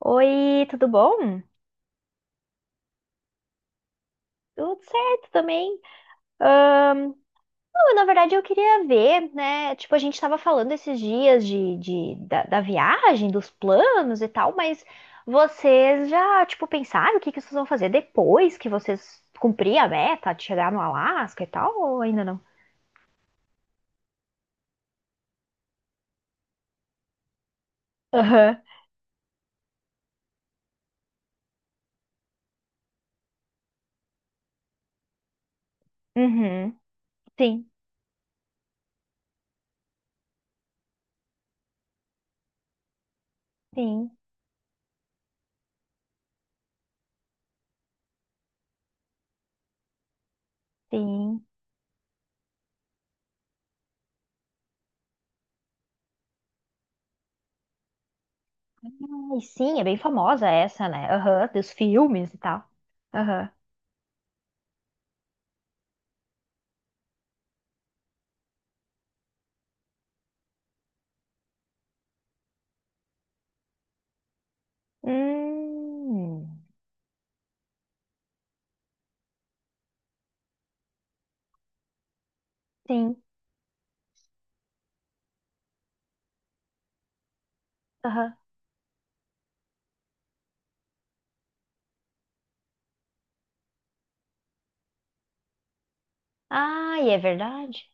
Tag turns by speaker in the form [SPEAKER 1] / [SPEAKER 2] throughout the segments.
[SPEAKER 1] Oi, tudo bom? Tudo certo também. Não, na verdade eu queria ver, né? Tipo, a gente tava falando esses dias da viagem, dos planos e tal, mas vocês já, tipo, pensaram o que que vocês vão fazer depois que vocês cumprir a meta de chegar no Alasca e tal, ou ainda não? Aham. Uhum, sim, sim, sim. Ai, sim, é bem famosa essa, né? Aham, dos filmes e tal. Aham. Hum, sim. Ah, é verdade?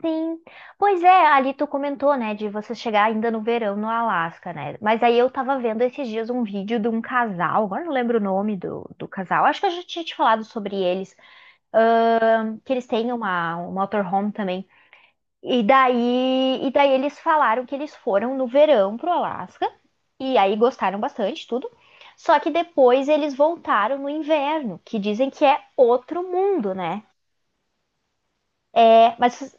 [SPEAKER 1] Sim. Pois é, ali tu comentou, né, de você chegar ainda no verão no Alasca, né? Mas aí eu tava vendo esses dias um vídeo de um casal, agora não lembro o nome do, do casal, acho que eu já tinha te falado sobre eles, que eles têm uma, um motorhome também. E daí eles falaram que eles foram no verão pro Alasca, e aí gostaram bastante, tudo. Só que depois eles voltaram no inverno, que dizem que é outro mundo, né? É, mas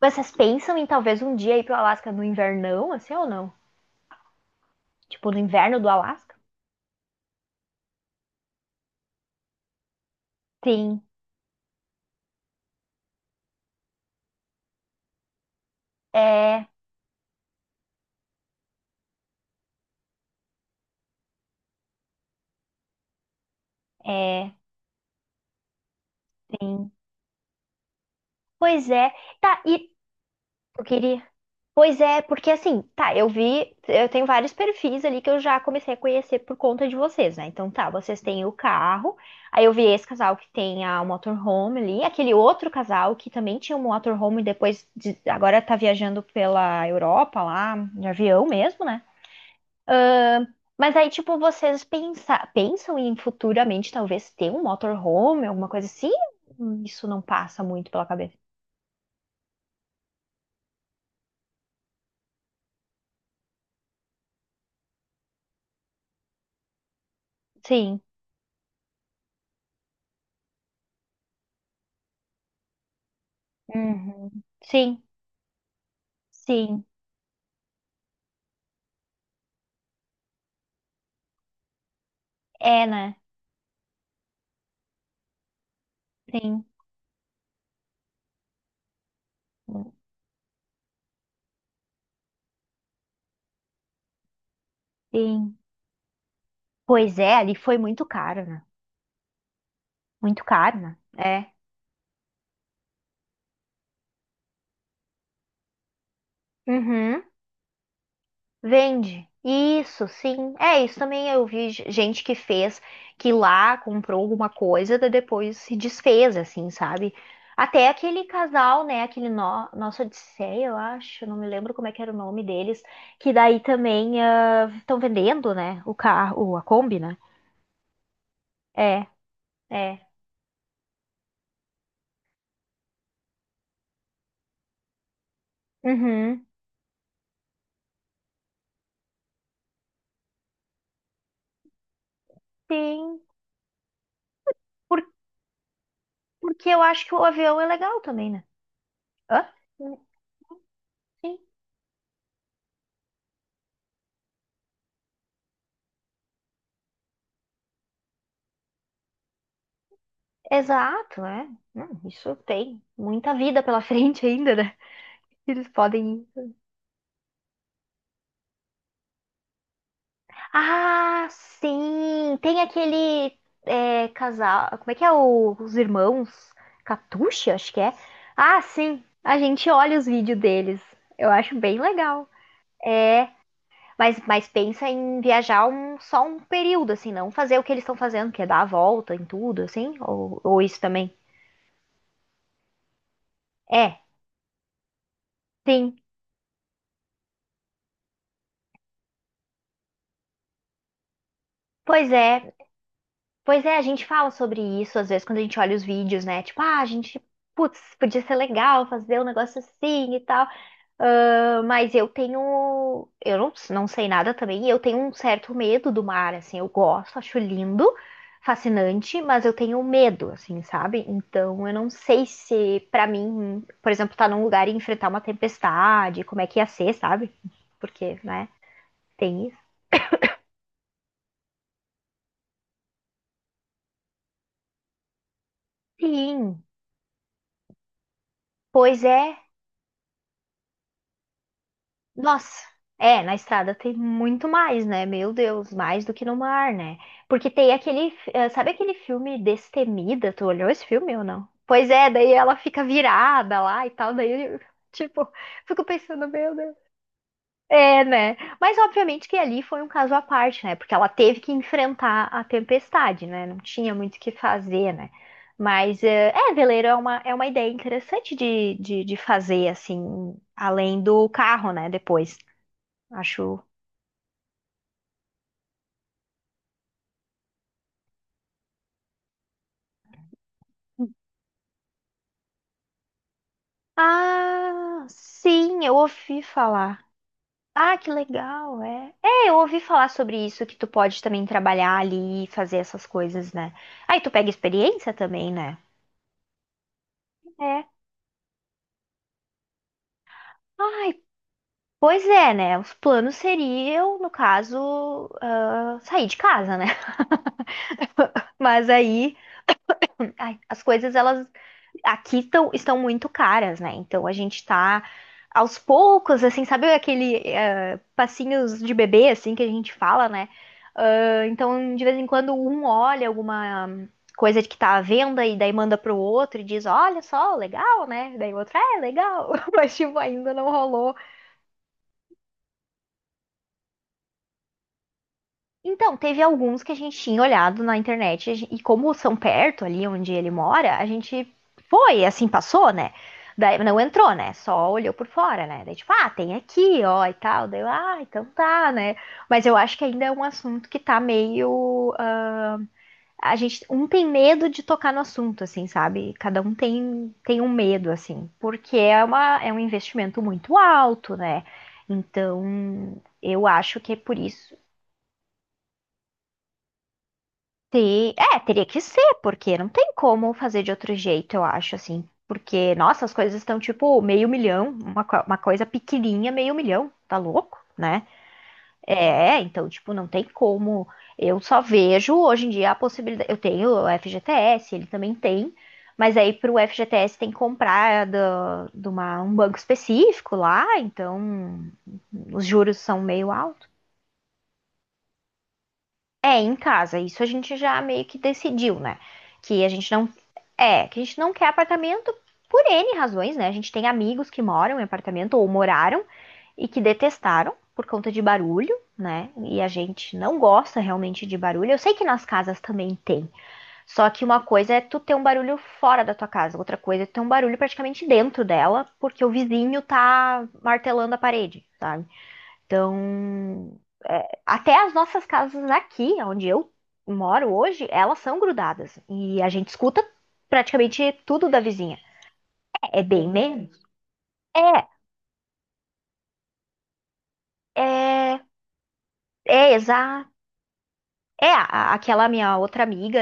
[SPEAKER 1] vocês pensam em talvez um dia ir pro Alasca no invernão, assim ou não? Tipo, no inverno do Alasca? Sim, é, é, sim. Pois é. Tá, e eu queria. Pois é, porque assim, tá, eu vi, eu tenho vários perfis ali que eu já comecei a conhecer por conta de vocês, né? Então tá, vocês têm o carro, aí eu vi esse casal que tem a motorhome ali, aquele outro casal que também tinha um motorhome e agora tá viajando pela Europa lá, de avião mesmo, né? Mas aí, tipo, pensam em futuramente talvez ter um motorhome, alguma coisa assim? Isso não passa muito pela cabeça. Sim. Uhum. Sim, sim. É, né? Sim, sim. Pois é, ali foi muito caro, né? Muito caro, né? É. Uhum. Vende. Isso, sim. É, isso também eu vi gente que fez, que lá comprou alguma coisa, daí depois se desfez, assim, sabe? Até aquele casal, né? Aquele no Nossa Odisseia, eu acho, não me lembro como é que era o nome deles, que daí também estão vendendo, né? O carro, a Kombi, né? É, é. Uhum. Sim. Por... Porque eu acho que o avião é legal também, né? Hã? Sim, exato, é. Isso tem muita vida pela frente ainda, né? Eles podem ir. Ah, sim! Tem aquele é, casal. Como é que é os irmãos? Catuxa, acho que é. Ah, sim! A gente olha os vídeos deles. Eu acho bem legal. Mas pensa em viajar um, só um período, assim, não fazer o que eles estão fazendo, que é dar a volta em tudo, assim? Ou isso também? É, sim. Pois é. Pois é, a gente fala sobre isso às vezes quando a gente olha os vídeos, né? Tipo, ah, a gente, putz, podia ser legal fazer um negócio assim e tal. Ah, mas eu tenho. Eu não, não sei nada também. E eu tenho um certo medo do mar, assim. Eu gosto, acho lindo, fascinante, mas eu tenho medo, assim, sabe? Então eu não sei se, pra mim, por exemplo, estar num lugar e enfrentar uma tempestade, como é que ia ser, sabe? Porque, né? Tem isso. Sim, pois é. Nossa, é, na estrada tem muito mais, né? Meu Deus, mais do que no mar, né? Porque tem aquele, sabe aquele filme Destemida? Tu olhou esse filme ou não? Pois é, daí ela fica virada lá e tal, daí, eu, tipo, fico pensando, meu Deus. É, né? Mas obviamente que ali foi um caso à parte, né? Porque ela teve que enfrentar a tempestade, né? Não tinha muito o que fazer, né? Mas é, veleiro é uma ideia interessante de fazer, assim, além do carro, né? Depois. Acho. Ah, sim, eu ouvi falar. Ah, que legal, é. É, eu ouvi falar sobre isso, que tu pode também trabalhar ali e fazer essas coisas, né? Aí tu pega experiência também, né? É. Ai, pois é, né? Os planos seriam, no caso, ah, sair de casa, né? Mas aí, ai, as coisas elas aqui estão, estão muito caras, né? Então a gente tá aos poucos, assim, sabe aquele passinhos de bebê, assim, que a gente fala, né? Ah, então, de vez em quando, um olha alguma coisa de que tá à venda e daí manda pro outro e diz, olha só, legal, né? Daí o outro, "Ah, é, legal." Mas, tipo, ainda não rolou. Então, teve alguns que a gente tinha olhado na internet, e como são perto ali onde ele mora, a gente foi, assim, passou, né? Daí não entrou, né? Só olhou por fora, né? Daí, tipo, ah, tem aqui, ó, e tal. Daí, eu, ah, então tá, né? Mas eu acho que ainda é um assunto que tá meio, a gente, um tem medo de tocar no assunto, assim, sabe? Cada um tem, tem um medo, assim, porque é uma, é um investimento muito alto, né? Então, eu acho que é por isso. Sim, é, teria que ser, porque não tem como fazer de outro jeito, eu acho, assim. Porque, nossa, as coisas estão tipo meio milhão, uma, uma coisa pequenininha, meio milhão, tá louco, né? É, então, tipo, não tem como. Eu só vejo hoje em dia a possibilidade. Eu tenho o FGTS, ele também tem, mas aí pro FGTS tem que comprar um banco específico lá, então os juros são meio altos. É, em casa. Isso a gente já meio que decidiu, né? Que a gente não. É, que a gente não quer apartamento por N razões, né? A gente tem amigos que moram em apartamento ou moraram e que detestaram por conta de barulho, né? E a gente não gosta realmente de barulho. Eu sei que nas casas também tem, só que uma coisa é tu ter um barulho fora da tua casa, outra coisa é tu ter um barulho praticamente dentro dela, porque o vizinho tá martelando a parede, tá? Então, é, até as nossas casas aqui, onde eu moro hoje, elas são grudadas. E a gente escuta praticamente tudo da vizinha. É bem menos. É, é, é exato. É, aquela minha outra amiga,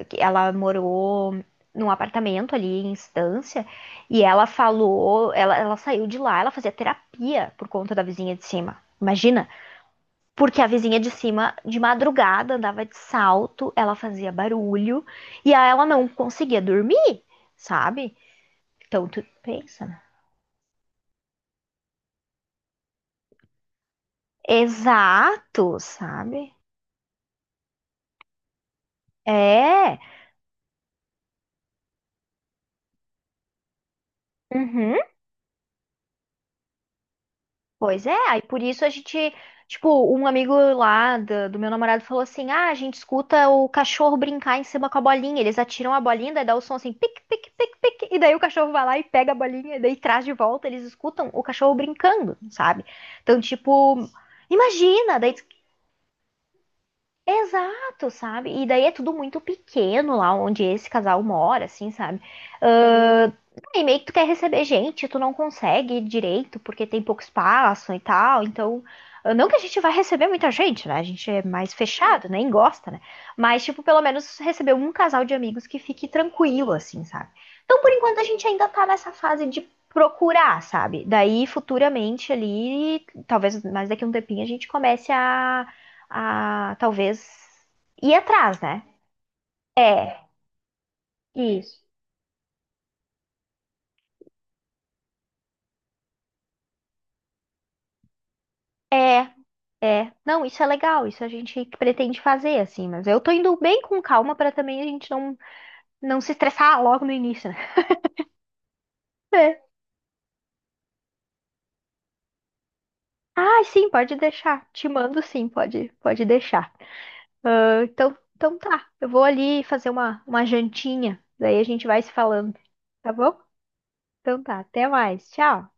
[SPEAKER 1] ah, que ela morou num apartamento ali em Estância, e ela falou, ela saiu de lá, ela fazia terapia por conta da vizinha de cima. Imagina. Porque a vizinha de cima, de madrugada, andava de salto, ela fazia barulho e aí ela não conseguia dormir, sabe? Então tu pensa, né? Exato, sabe? É. Uhum. Pois é, aí por isso a gente, tipo, um amigo lá do, do meu namorado falou assim: ah, a gente escuta o cachorro brincar em cima com a bolinha. Eles atiram a bolinha, daí dá o som assim, pique, pique, pique, pique. E daí o cachorro vai lá e pega a bolinha, e daí traz de volta. Eles escutam o cachorro brincando, sabe? Então, tipo, imagina, daí exato, sabe? E daí é tudo muito pequeno lá onde esse casal mora, assim, sabe? Sim. Ahn, e meio que tu quer receber gente, tu não consegue direito porque tem pouco espaço e tal. Então, ah, não que a gente vai receber muita gente, né? A gente é mais fechado, nem gosta, né? Mas, tipo, pelo menos receber um casal de amigos que fique tranquilo, assim, sabe? Então, por enquanto, a gente ainda tá nessa fase de procurar, sabe? Daí, futuramente ali, talvez mais daqui a um tempinho, a gente comece a talvez ir atrás, né? Isso. É, não, isso é legal, isso a gente pretende fazer, assim, mas eu tô indo bem com calma pra também a gente não, não se estressar logo no início, né? É. Ah, sim, pode deixar. Te mando sim, pode, pode deixar. Ah, então, então tá, eu vou ali fazer uma jantinha, daí a gente vai se falando, tá bom? Então tá, até mais, tchau.